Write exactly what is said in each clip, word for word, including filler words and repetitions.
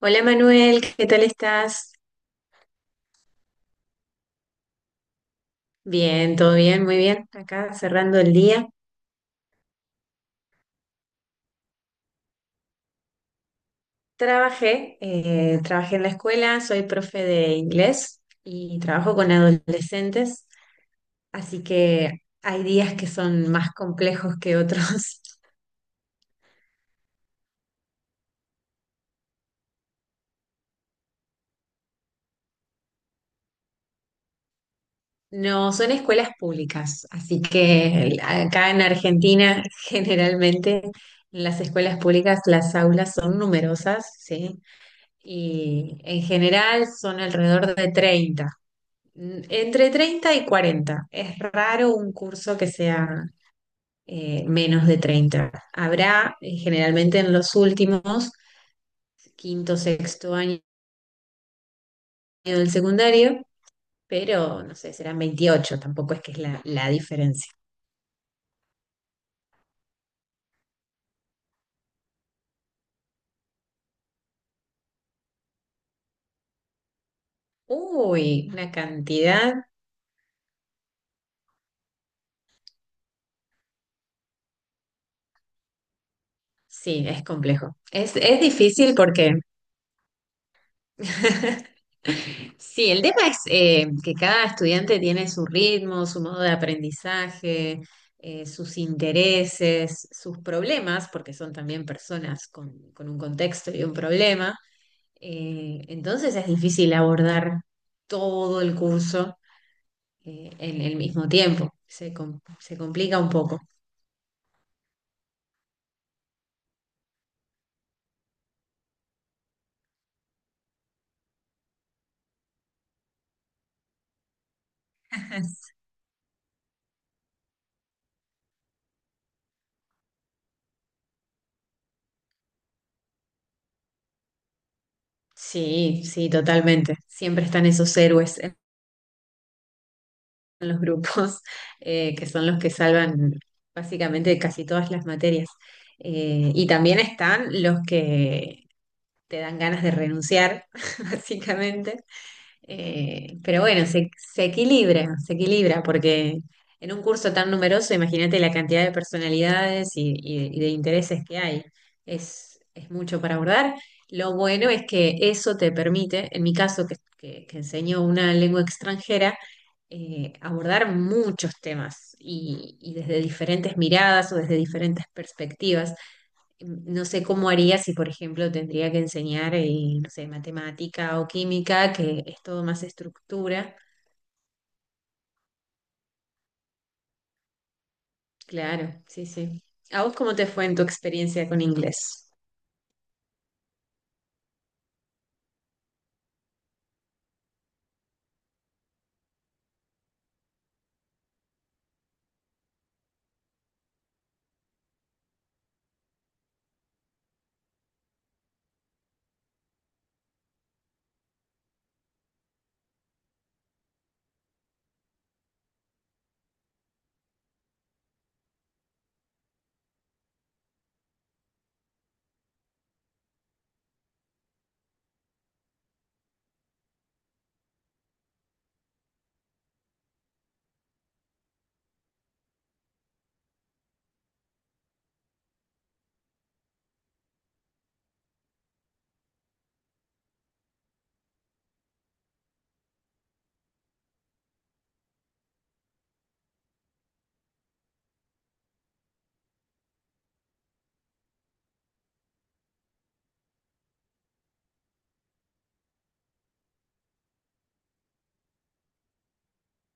Hola Manuel, ¿qué tal estás? Bien, todo bien, muy bien. Acá cerrando el día. Trabajé, eh, trabajé en la escuela, soy profe de inglés y trabajo con adolescentes, así que hay días que son más complejos que otros. No, son escuelas públicas, así que el- acá en Argentina generalmente las escuelas públicas, las aulas son numerosas, ¿sí? Y en general son alrededor de treinta. Mm, Entre treinta y cuarenta. Es raro un curso que sea eh, menos de treinta. Habrá, eh, generalmente en los últimos, quinto, sexto año del secundario, pero no sé, serán veintiocho. Tampoco es que es la, la diferencia. Uy, una cantidad. Sí, es complejo. Es, es difícil porque sí, el tema es eh, que cada estudiante tiene su ritmo, su modo de aprendizaje, eh, sus intereses, sus problemas, porque son también personas con, con un contexto y un problema. Eh, entonces es difícil abordar todo el curso, eh, en el mismo tiempo. Se, com- se complica un poco. Sí, sí, totalmente. Siempre están esos héroes los grupos, eh, que son los que salvan básicamente casi todas las materias. Eh, y también están los que te dan ganas de renunciar, básicamente. Eh, pero bueno, se, se equilibra, se equilibra, porque en un curso tan numeroso, imagínate la cantidad de personalidades y, y- y de intereses que hay. Es, es mucho para abordar. Lo bueno es que eso te permite, en mi caso, que, que, que enseño una lengua extranjera, eh, abordar muchos temas y, y desde diferentes miradas o desde diferentes perspectivas. No sé cómo haría si, por ejemplo, tendría que enseñar, eh, no sé, matemática o química, que es todo más estructura. Claro, sí, sí. ¿A vos cómo te fue en tu experiencia con inglés?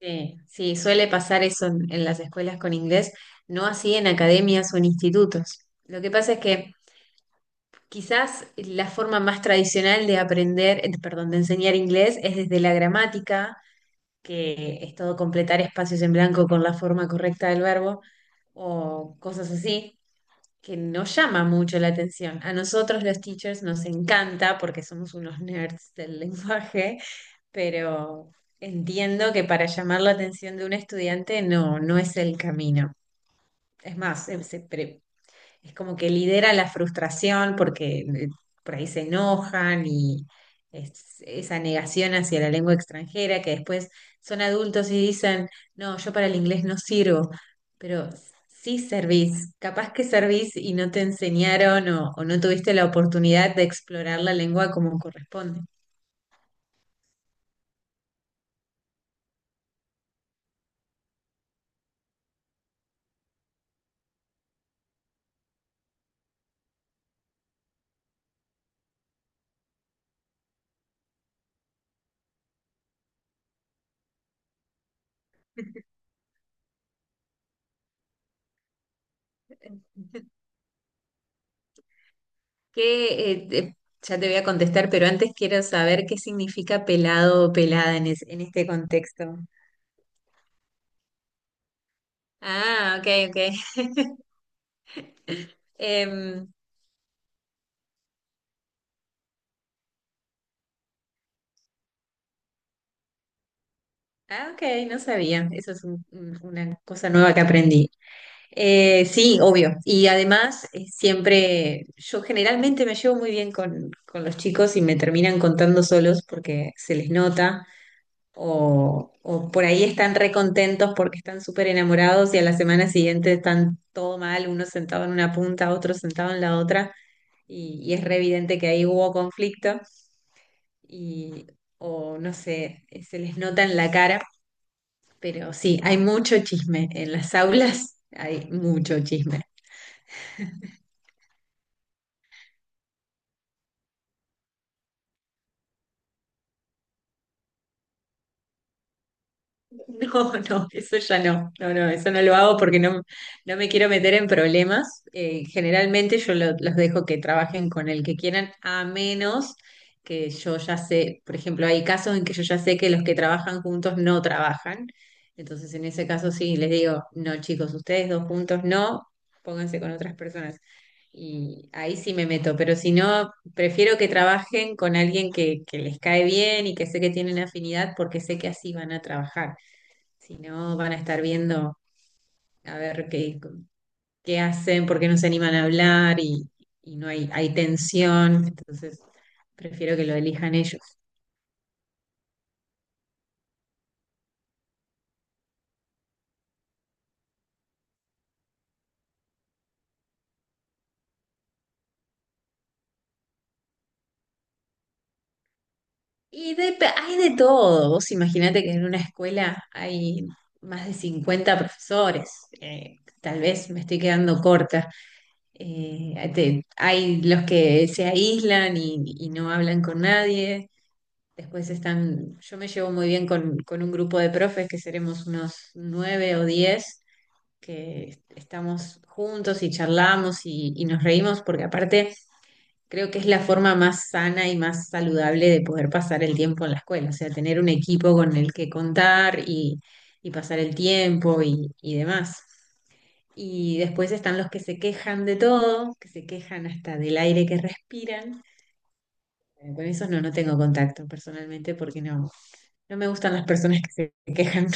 Sí, sí, suele pasar eso en, en las escuelas con inglés, no así en academias o en institutos. Lo que pasa es que quizás la forma más tradicional de aprender, eh, perdón, de enseñar inglés es desde la gramática, que es todo completar espacios en blanco con la forma correcta del verbo o cosas así, que no llama mucho la atención. A nosotros los teachers nos encanta porque somos unos nerds del lenguaje, pero entiendo que para llamar la atención de un estudiante no, no es el camino. Es más, se, se pre- es como que lidera la frustración porque, eh, por ahí se enojan y es- esa negación hacia la lengua extranjera, que después son adultos y dicen, no, yo para el inglés no sirvo, pero sí servís, capaz que servís y no te enseñaron o, o no tuviste la oportunidad de explorar la lengua como corresponde. ¿Qué, eh, te- ya te voy a contestar, pero antes quiero saber qué significa pelado o pelada en, es- en este contexto. Ah, ok, ok. Em, Ah, ok, no sabía. Eso es un- un- una cosa nueva que aprendí. Eh, sí, obvio. Y además, eh, siempre, yo generalmente me llevo muy bien con, con los chicos y me terminan contando solos porque se les nota, o, o por ahí están recontentos porque están súper enamorados y a la semana siguiente están todo mal, uno sentado en una punta, otro sentado en la otra, y, y es re evidente que ahí hubo conflicto y, o no sé, se les nota en la cara, pero sí, hay mucho chisme en las aulas, hay mucho chisme. No, no, eso ya no, no, no, eso no lo hago porque no, no me quiero meter en problemas. Eh, generalmente yo lo- los dejo que trabajen con el que quieran, a menos que yo ya sé, por ejemplo, hay casos en que yo ya sé que los que trabajan juntos no trabajan. Entonces, en ese caso sí, les digo, no, chicos, ustedes dos juntos no, pónganse con otras personas. Y ahí sí me meto, pero si no, prefiero que trabajen con alguien que, que les cae bien y que sé que tienen afinidad porque sé que así van a trabajar. Si no, van a estar viendo a ver qué, qué hacen, por qué no se animan a hablar, y, y no hay, hay tensión. Entonces, prefiero que lo elijan ellos. Y de- hay de todo. Vos imaginate que en una escuela hay más de cincuenta profesores. Eh, tal vez me estoy quedando corta. Eh, te- hay los que se aíslan y, y no hablan con nadie. Después están, yo me llevo muy bien con, con un grupo de profes que seremos unos nueve o diez, que est- estamos juntos y charlamos, y, y nos reímos, porque aparte creo que es la forma más sana y más saludable de poder pasar el tiempo en la escuela, o sea, tener un equipo con el que contar, y, y pasar el tiempo y, y demás. Y después están los que se quejan de todo, que se quejan hasta del aire que respiran. Eh, Con esos no, no tengo contacto personalmente porque no, no me gustan las personas que se quejan.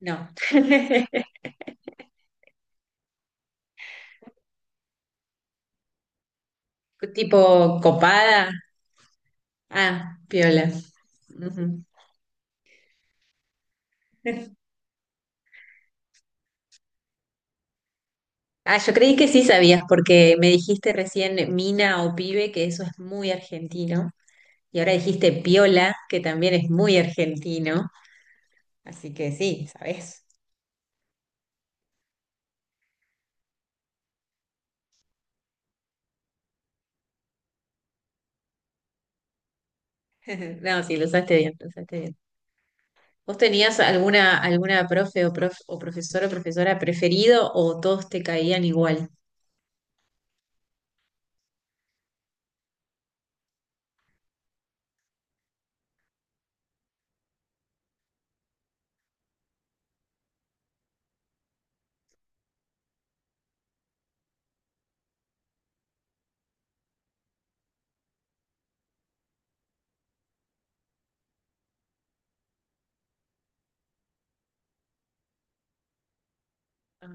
No. Tipo copada. Ah, piola. Ujú. Ah, yo creí que sí sabías porque me dijiste recién mina o pibe, que eso es muy argentino. Y ahora dijiste piola, que también es muy argentino. Así que sí, sabes. No, sí, lo usaste bien, lo usaste bien. ¿Vos tenías alguna, alguna profe, o, prof, o profesor o profesora preferido, o todos te caían igual? Ah,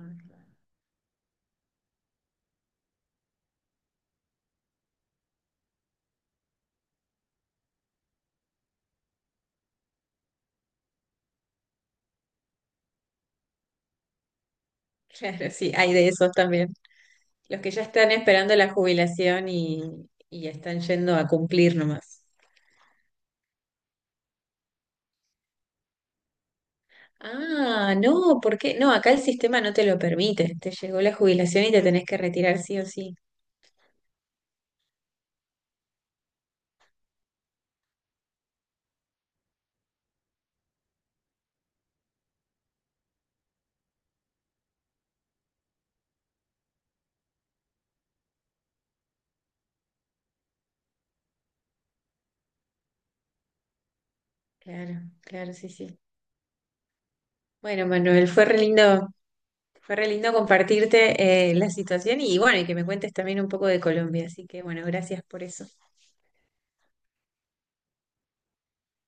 claro, sí, hay de esos también. Los que ya están esperando la jubilación, y, y están yendo a cumplir nomás. Ah, no, ¿por qué? No, acá el sistema no te lo permite. Te llegó la jubilación y te tenés que retirar sí o sí. Claro, claro, sí, sí. Bueno, Manuel, fue re lindo, fue re lindo compartirte, eh, la situación y bueno, y que me cuentes también un poco de Colombia. Así que bueno, gracias por eso.